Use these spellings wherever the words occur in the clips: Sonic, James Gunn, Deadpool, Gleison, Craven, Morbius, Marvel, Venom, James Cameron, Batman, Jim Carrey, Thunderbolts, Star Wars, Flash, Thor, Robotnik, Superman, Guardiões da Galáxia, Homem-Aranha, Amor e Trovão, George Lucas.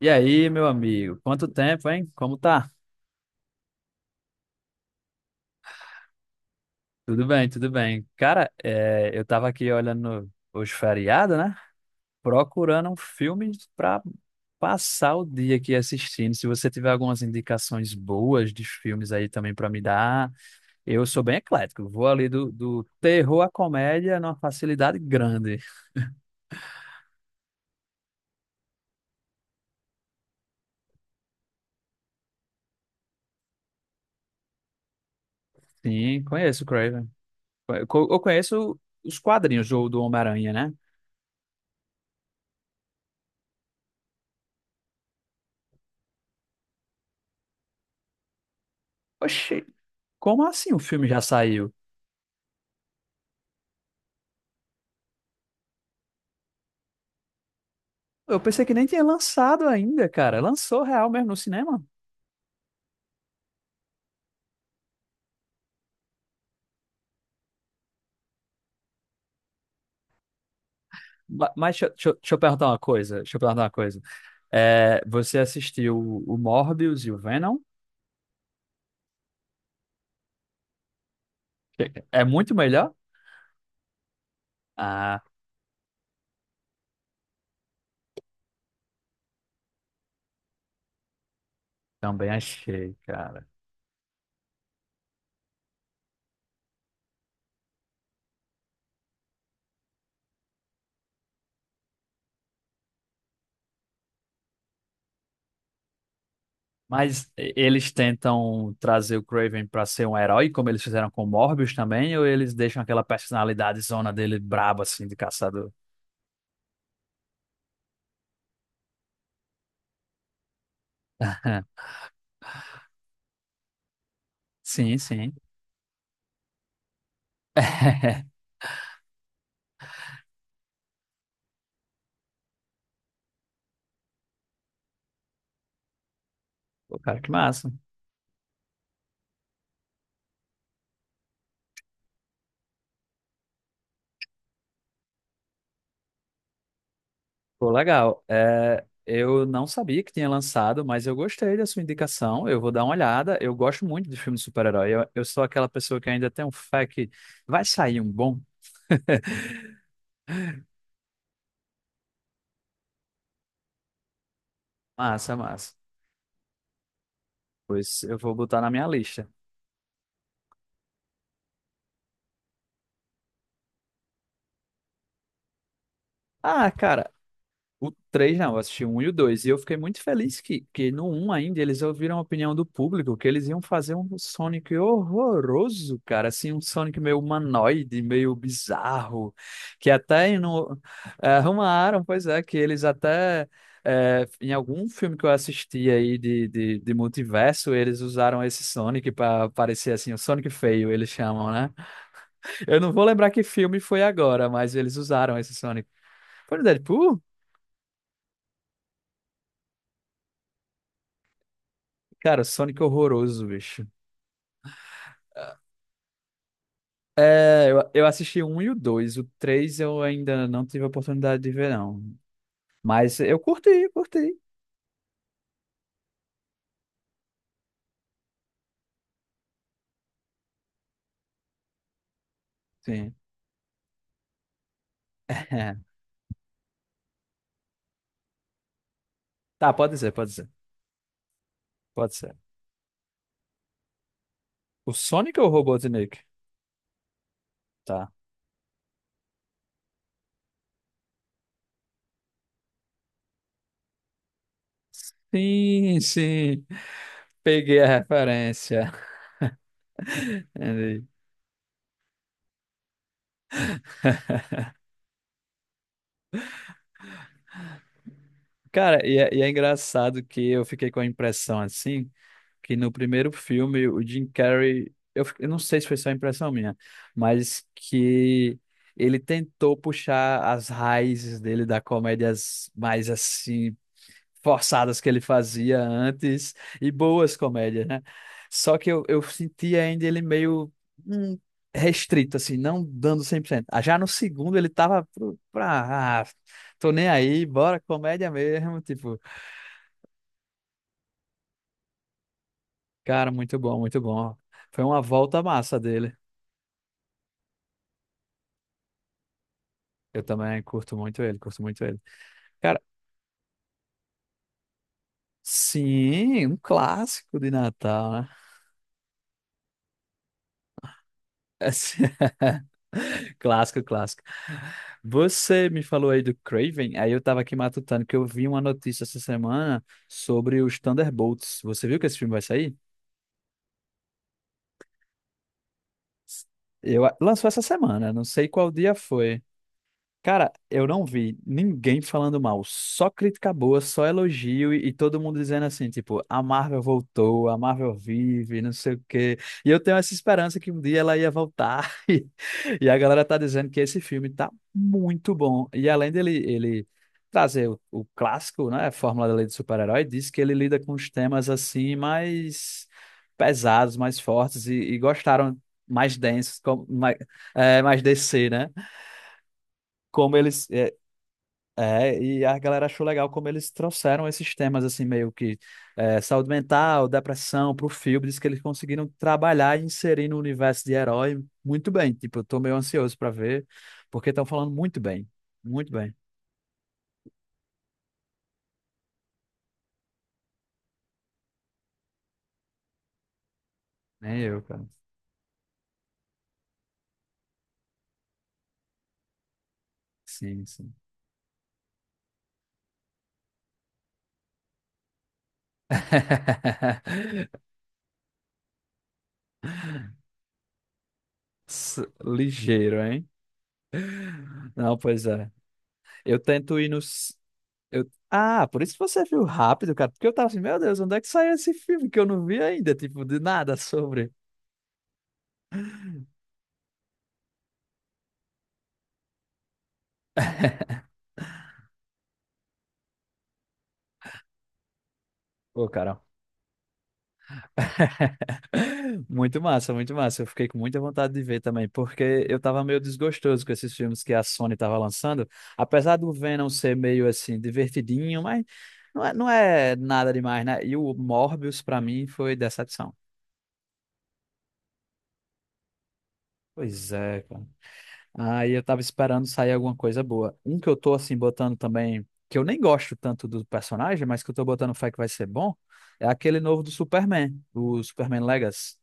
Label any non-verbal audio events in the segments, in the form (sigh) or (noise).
E aí, meu amigo? Quanto tempo, hein? Como tá? Tudo bem, tudo bem. Cara, é, eu tava aqui olhando os feriados, né? Procurando um filme pra passar o dia aqui assistindo. Se você tiver algumas indicações boas de filmes aí também pra me dar, eu sou bem eclético. Vou ali do terror à comédia numa facilidade grande. Sim, conheço o Craven. Eu conheço os quadrinhos do Homem-Aranha, né? Oxi, como assim o filme já saiu? Eu pensei que nem tinha lançado ainda, cara. Lançou real mesmo no cinema? Mas deixa eu perguntar uma coisa. Deixa eu perguntar uma coisa. É, você assistiu o Morbius e o Venom? É muito melhor? Ah, também achei, cara. Mas eles tentam trazer o Craven pra ser um herói, como eles fizeram com o Morbius também, ou eles deixam aquela personalidade zona dele braba, assim, de caçador? (laughs) Sim, sim. (laughs) Pô, cara, que massa. Pô, legal. É, eu não sabia que tinha lançado, mas eu gostei da sua indicação. Eu vou dar uma olhada. Eu gosto muito de filme de super-herói. Eu sou aquela pessoa que ainda tem um fé que vai sair um bom. (laughs) Massa, massa. Pois eu vou botar na minha lista. Ah, cara, o 3 não, eu assisti o 1 e o dois. E eu fiquei muito feliz que no um ainda eles ouviram a opinião do público, que eles iam fazer um Sonic horroroso, cara. Assim, um Sonic meio humanoide, meio bizarro. Que até no, arrumaram, pois é, que eles até. Em algum filme que eu assisti aí de multiverso, eles usaram esse Sonic para parecer assim, o Sonic feio, eles chamam, né? Eu não vou lembrar que filme foi agora, mas eles usaram esse Sonic. Foi no Deadpool? Cara, Sonic é horroroso, bicho. É, eu assisti o 1 e o 2. O 3 eu ainda não tive a oportunidade de ver, não. Mas eu curti, curti. Sim. (laughs) Tá, pode ser, pode ser. Pode ser. O Sonic ou o Robotnik? Tá. Sim, sim. Peguei a referência. (laughs) Entendi. Cara, e é engraçado que eu fiquei com a impressão assim, que no primeiro filme o Jim Carrey, eu não sei se foi só impressão minha, mas que ele tentou puxar as raízes dele da comédias mais assim forçadas que ele fazia antes e boas comédias, né? Só que eu senti ainda ele meio hum, restrito, assim, não dando 100%. Ah, já no segundo ele tava pra, tô nem aí, bora comédia mesmo, tipo, cara, muito bom, muito bom. Foi uma volta massa dele. Eu também curto muito ele, curto muito ele. Cara, sim, um clássico de Natal, né? Assim, (laughs) clássico, clássico. Você me falou aí do Craven, aí eu tava aqui matutando que eu vi uma notícia essa semana sobre os Thunderbolts. Você viu que esse filme vai sair? Lançou essa semana, não sei qual dia foi. Cara, eu não vi ninguém falando mal, só crítica boa, só elogio e todo mundo dizendo assim, tipo, a Marvel voltou, a Marvel vive, não sei o quê. E eu tenho essa esperança que um dia ela ia voltar. (laughs) E, e a galera tá dizendo que esse filme tá muito bom. E além dele ele trazer o clássico, né, a fórmula da lei do super-herói, diz que ele lida com os temas assim mais pesados, mais fortes e gostaram mais densos, como, mais, é, mais DC, né? Como eles é, e a galera achou legal como eles trouxeram esses temas, assim, meio que é, saúde mental, depressão pro filme. Diz que eles conseguiram trabalhar e inserir no universo de herói muito bem. Tipo, eu tô meio ansioso pra ver, porque estão falando muito bem. Muito bem. Nem eu, cara. Sim, sim. (laughs) Ligeiro, hein? Não, pois é. Eu tento ir nos. Ah, por isso que você viu rápido, cara. Porque eu tava assim, meu Deus, onde é que saiu esse filme que eu não vi ainda? Tipo, de nada sobre. Pô, cara. (laughs) Muito massa, muito massa. Eu fiquei com muita vontade de ver também, porque eu tava meio desgostoso com esses filmes que a Sony tava lançando. Apesar do Venom ser meio assim, divertidinho, mas não é, não é nada demais, né? E o Morbius, pra mim, foi decepção. Pois é, cara. Aí eu tava esperando sair alguma coisa boa. Um que eu tô assim botando também, que eu nem gosto tanto do personagem, mas que eu tô botando fé que vai ser bom, é aquele novo do Superman, o Superman Legacy.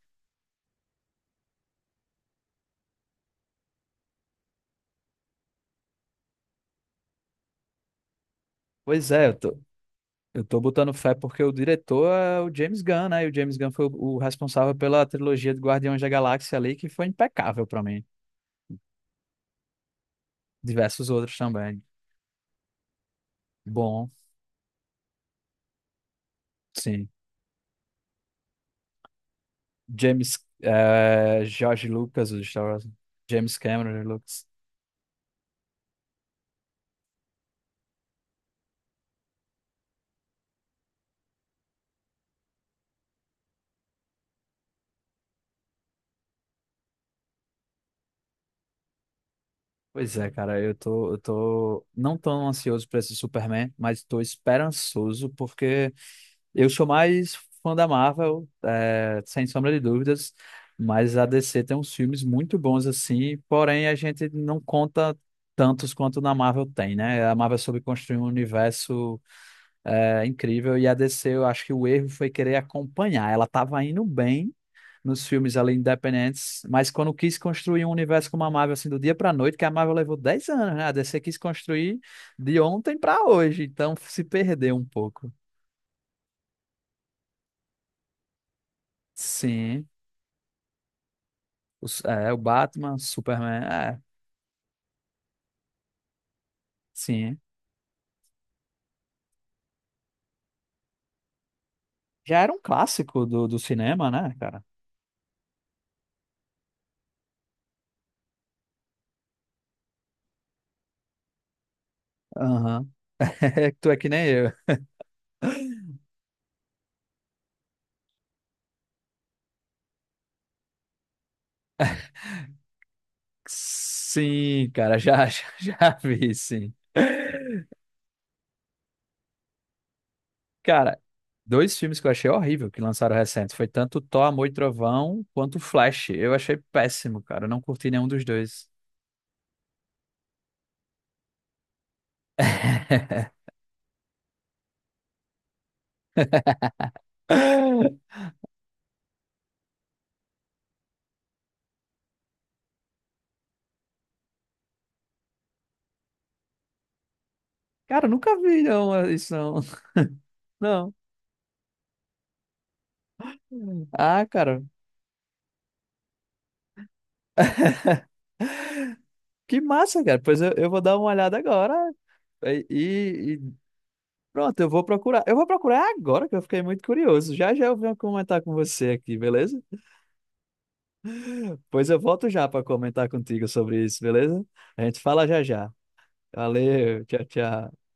Pois é, eu tô. Eu tô botando fé porque o diretor é o James Gunn, né? E o James Gunn foi o responsável pela trilogia de Guardiões da Galáxia ali, que foi impecável pra mim. Diversos outros também. Bom, sim. George Lucas, o Star Wars. James Cameron Lucas. Pois é, cara, eu tô não tão ansioso pra esse Superman, mas tô esperançoso porque eu sou mais fã da Marvel, é, sem sombra de dúvidas, mas a DC tem uns filmes muito bons assim, porém a gente não conta tantos quanto na Marvel tem, né? A Marvel soube construir um universo é, incrível e a DC, eu acho que o erro foi querer acompanhar. Ela estava indo bem nos filmes ali independentes, mas quando quis construir um universo como a Marvel, assim, do dia para noite, que a Marvel levou 10 anos, né? A DC quis construir de ontem para hoje, então se perdeu um pouco. Sim. O Batman, Superman, sim. Já era um clássico do, do cinema, né, cara? Aham. (laughs) É que tu é que nem eu. Sim, cara, já, (laughs) já, já vi, sim. Cara, dois filmes que eu achei horrível que lançaram recente. Foi tanto Thor, Amor e Trovão quanto Flash. Eu achei péssimo, cara. Eu não curti nenhum dos dois. (laughs) Cara, eu nunca vi, não, isso não. Não. Ah, cara, que massa, cara. Pois eu vou dar uma olhada agora. E, e- Pronto, eu vou procurar. Eu vou procurar agora que eu fiquei muito curioso. Já já eu venho comentar com você aqui, beleza? Depois eu volto já para comentar contigo sobre isso, beleza? A gente fala já já. Valeu, tchau, tchau.